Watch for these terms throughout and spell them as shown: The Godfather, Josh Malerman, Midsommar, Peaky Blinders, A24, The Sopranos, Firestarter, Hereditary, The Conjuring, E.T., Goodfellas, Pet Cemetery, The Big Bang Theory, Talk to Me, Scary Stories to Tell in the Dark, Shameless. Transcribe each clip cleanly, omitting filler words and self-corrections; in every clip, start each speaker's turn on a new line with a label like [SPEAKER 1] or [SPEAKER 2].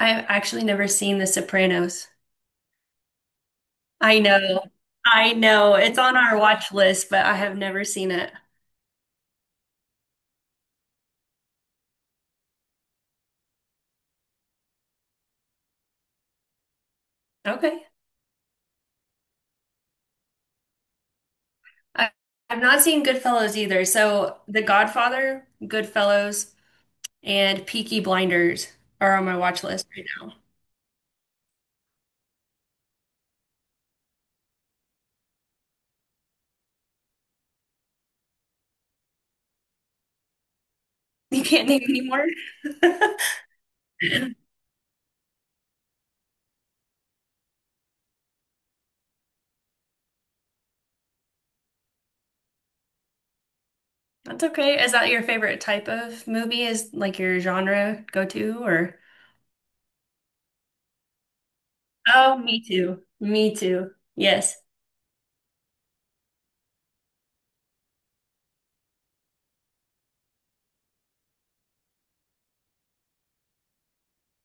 [SPEAKER 1] I've actually never seen The Sopranos. I know. I know. It's on our watch list, but I have never seen it. Okay. I, I've not seen Goodfellas either. So The Godfather, Goodfellas, and Peaky Blinders are on my watch list right now. You can't name any more? That's okay. Is that your favorite type of movie? Is like your genre go to or? Oh, me too. Me too. Yes.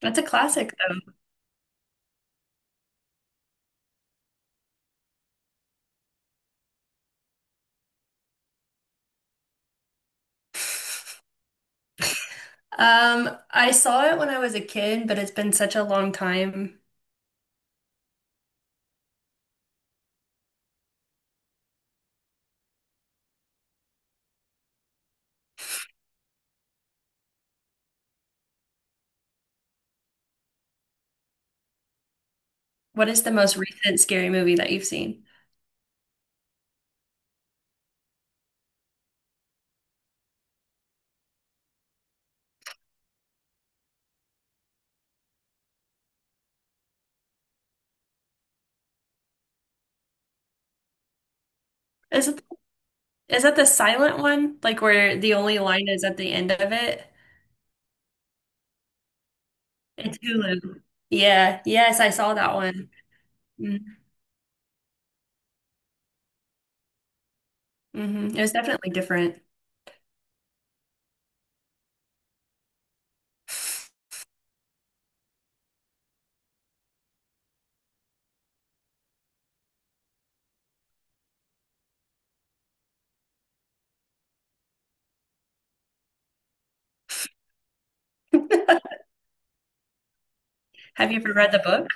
[SPEAKER 1] That's a classic. I saw it when I was a kid, but it's been such a long time. What is the most recent scary movie that you've seen? Is it is that the silent one? Like where the only line is at the end of it? It's Hulu. Yeah, yes, I saw that one. Mm-hmm. Mm-hmm. It was definitely different. Have you ever read the book?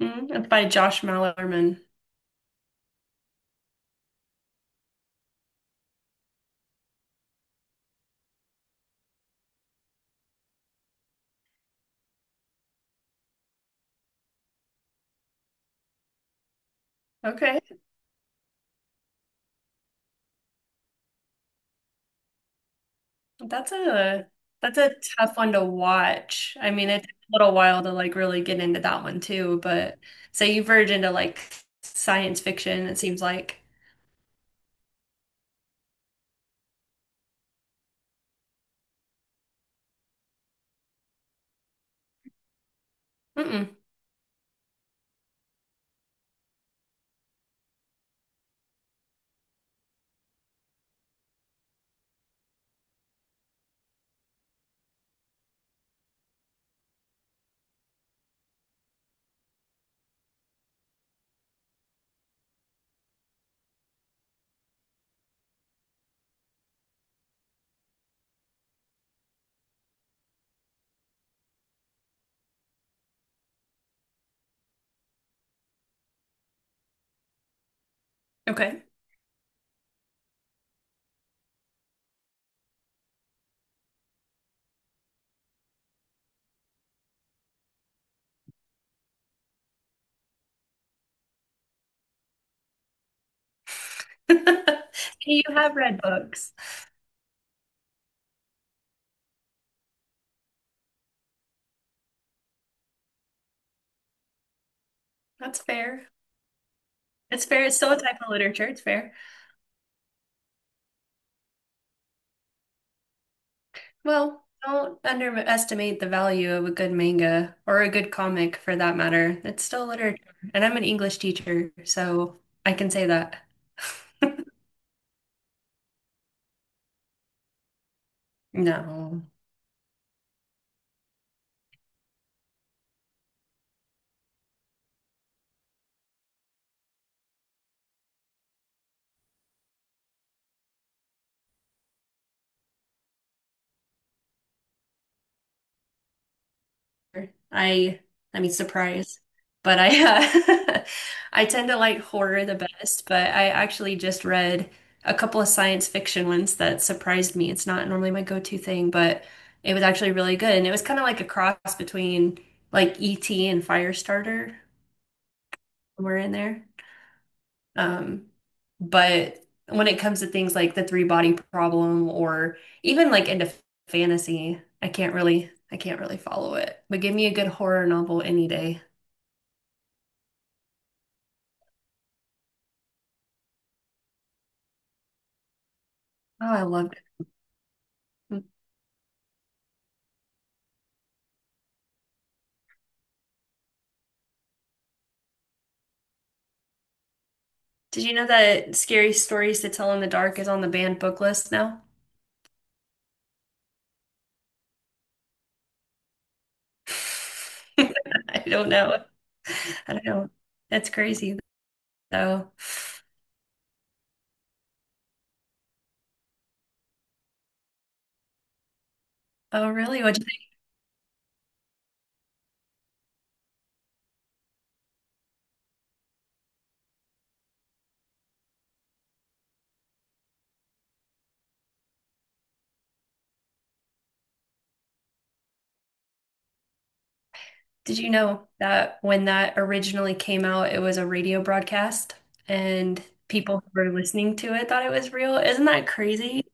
[SPEAKER 1] Mm, it's by Josh Malerman. Okay. That's a that's a tough one to watch. I mean, it took a little while to like really get into that one too, but so you verge into like science fiction, it seems like. Mm-mm. Okay. You have read books. That's fair. It's fair. It's still a type of literature. It's fair. Well, don't underestimate the value of a good manga or a good comic for that matter. It's still literature. And I'm an English teacher, so I can say that. No. I I mean surprise, but I I tend to like horror the best, but I actually just read a couple of science fiction ones that surprised me. It's not normally my go-to thing, but it was actually really good and it was kind of like a cross between like E.T. and Firestarter somewhere in there. Um, but when it comes to things like the three-body problem or even like into fantasy, I can't really follow it. But give me a good horror novel any day. Oh, I love it. Mm. Did you know that Scary Stories to Tell in the Dark is on the banned book list now? I don't know. I don't know. That's crazy, though. Oh, really? What did you know that when that originally came out, it was a radio broadcast and people who were listening to it thought it was real? Isn't that crazy?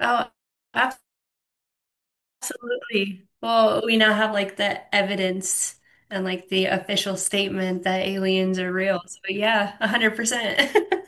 [SPEAKER 1] Oh, absolutely. Well, we now have like the evidence and like the official statement that aliens are real. So yeah, 100%.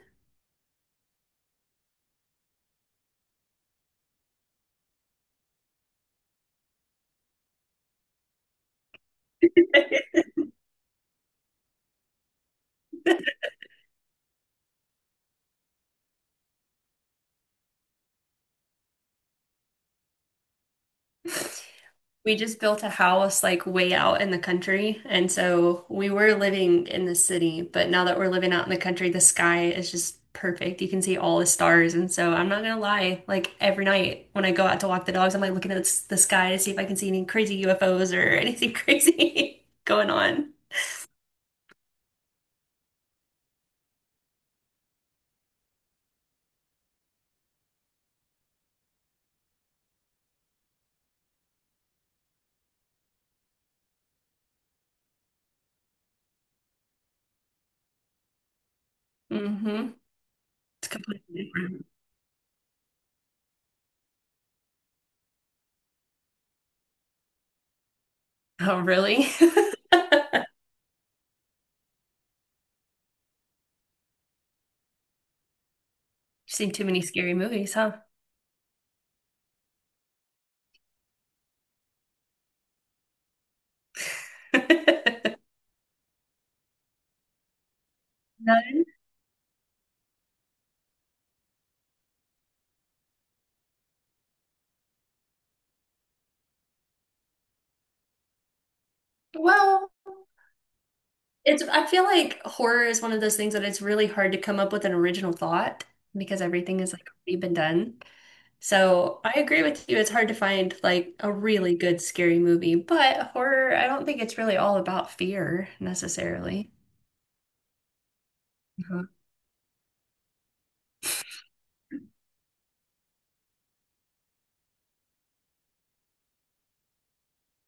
[SPEAKER 1] We just built a house like way out in the country. And so we were living in the city, but now that we're living out in the country, the sky is just perfect. You can see all the stars. And so I'm not gonna lie, like every night when I go out to walk the dogs, I'm like looking at the sky to see if I can see any crazy UFOs or anything crazy going on. Hmm. It's completely different. Oh, really? You've seen too many scary movies, huh? No. Well, it's I feel like horror is one of those things that it's really hard to come up with an original thought because everything is like already been done. So I agree with you. It's hard to find like a really good scary movie, but horror, I don't think it's really all about fear necessarily. Mhm.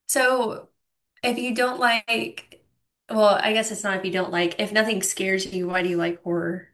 [SPEAKER 1] So if you don't like, well, I guess it's not if you don't like, if nothing scares you, why do you like horror?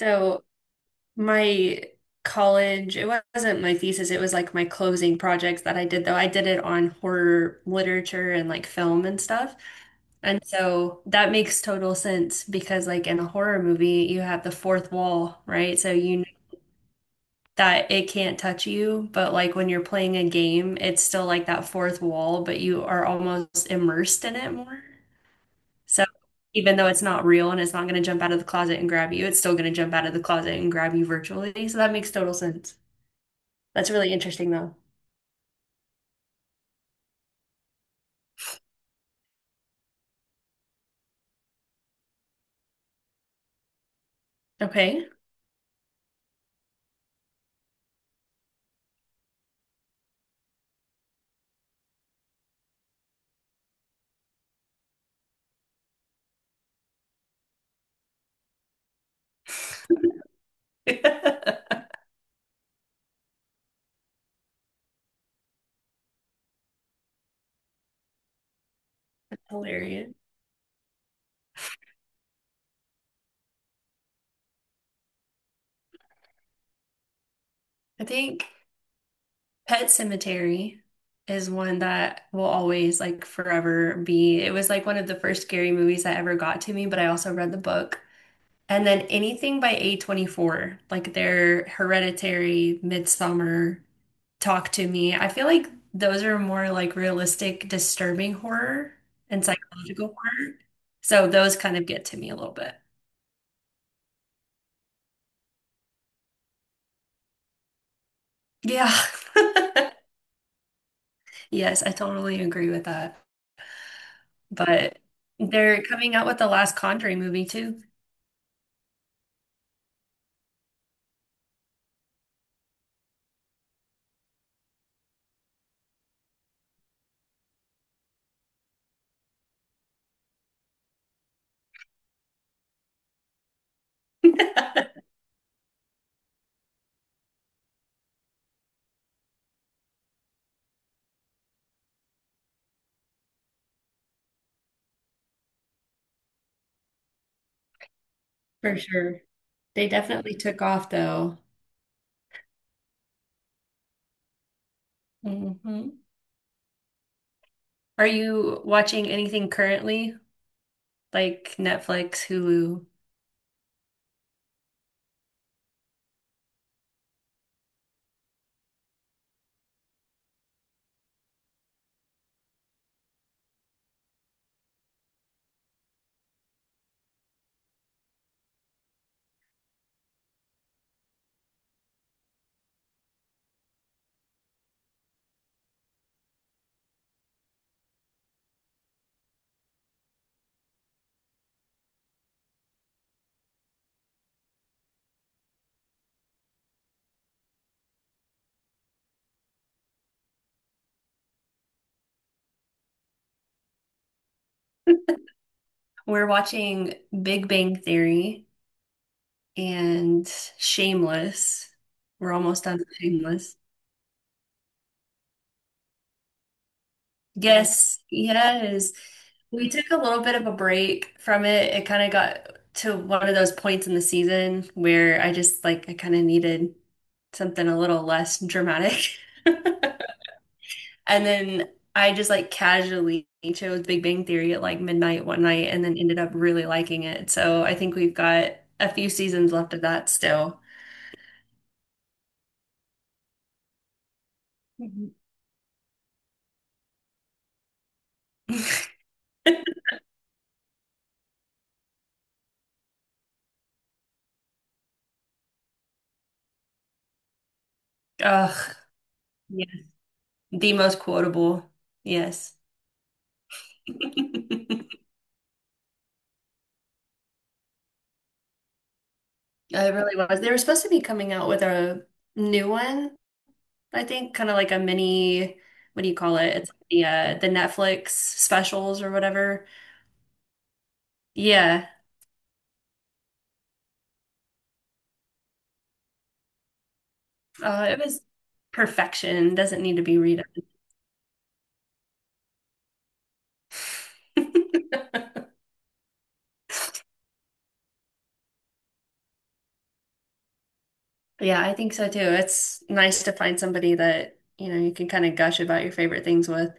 [SPEAKER 1] So my college, it wasn't my thesis, it was like my closing projects that I did though. I did it on horror literature and like film and stuff. And so that makes total sense because like in a horror movie, you have the fourth wall, right? So you know that it can't touch you, but like when you're playing a game, it's still like that fourth wall, but you are almost immersed in it more. So even though it's not real and it's not going to jump out of the closet and grab you, it's still going to jump out of the closet and grab you virtually. So that makes total sense. That's really interesting though. Okay. Hilarious. I think Pet Cemetery is one that will always like forever be. It was like one of the first scary movies that ever got to me, but I also read the book. And then anything by A24, like their Hereditary, Midsummer, Talk to Me. I feel like those are more like realistic, disturbing horror and psychological horror. So those kind of get to me a little bit. Yeah. Yes, I totally agree with that. But they're coming out with the last Conjuring movie too. For sure. They definitely took off though. Hmm. Are you watching anything currently? Like Netflix, Hulu. We're watching Big Bang Theory and Shameless. We're almost done with Shameless. Yes, yes. We took a little bit of a break from it. It kind of got to one of those points in the season where I just like I kind of needed something a little less dramatic. And then I just like casually chose Big Bang Theory at like midnight one night and then ended up really liking it. So I think we've got a few seasons left of that still. Mhm. Ugh, yeah. The most quotable. Yes. It really was. They were supposed to be coming out with a new one, I think, kind of like a mini, what do you call it? It's the the Netflix specials or whatever. Yeah. It was perfection. Doesn't need to be redone. Yeah, I think so too. It's nice to find somebody that, you know, you can kind of gush about your favorite things with.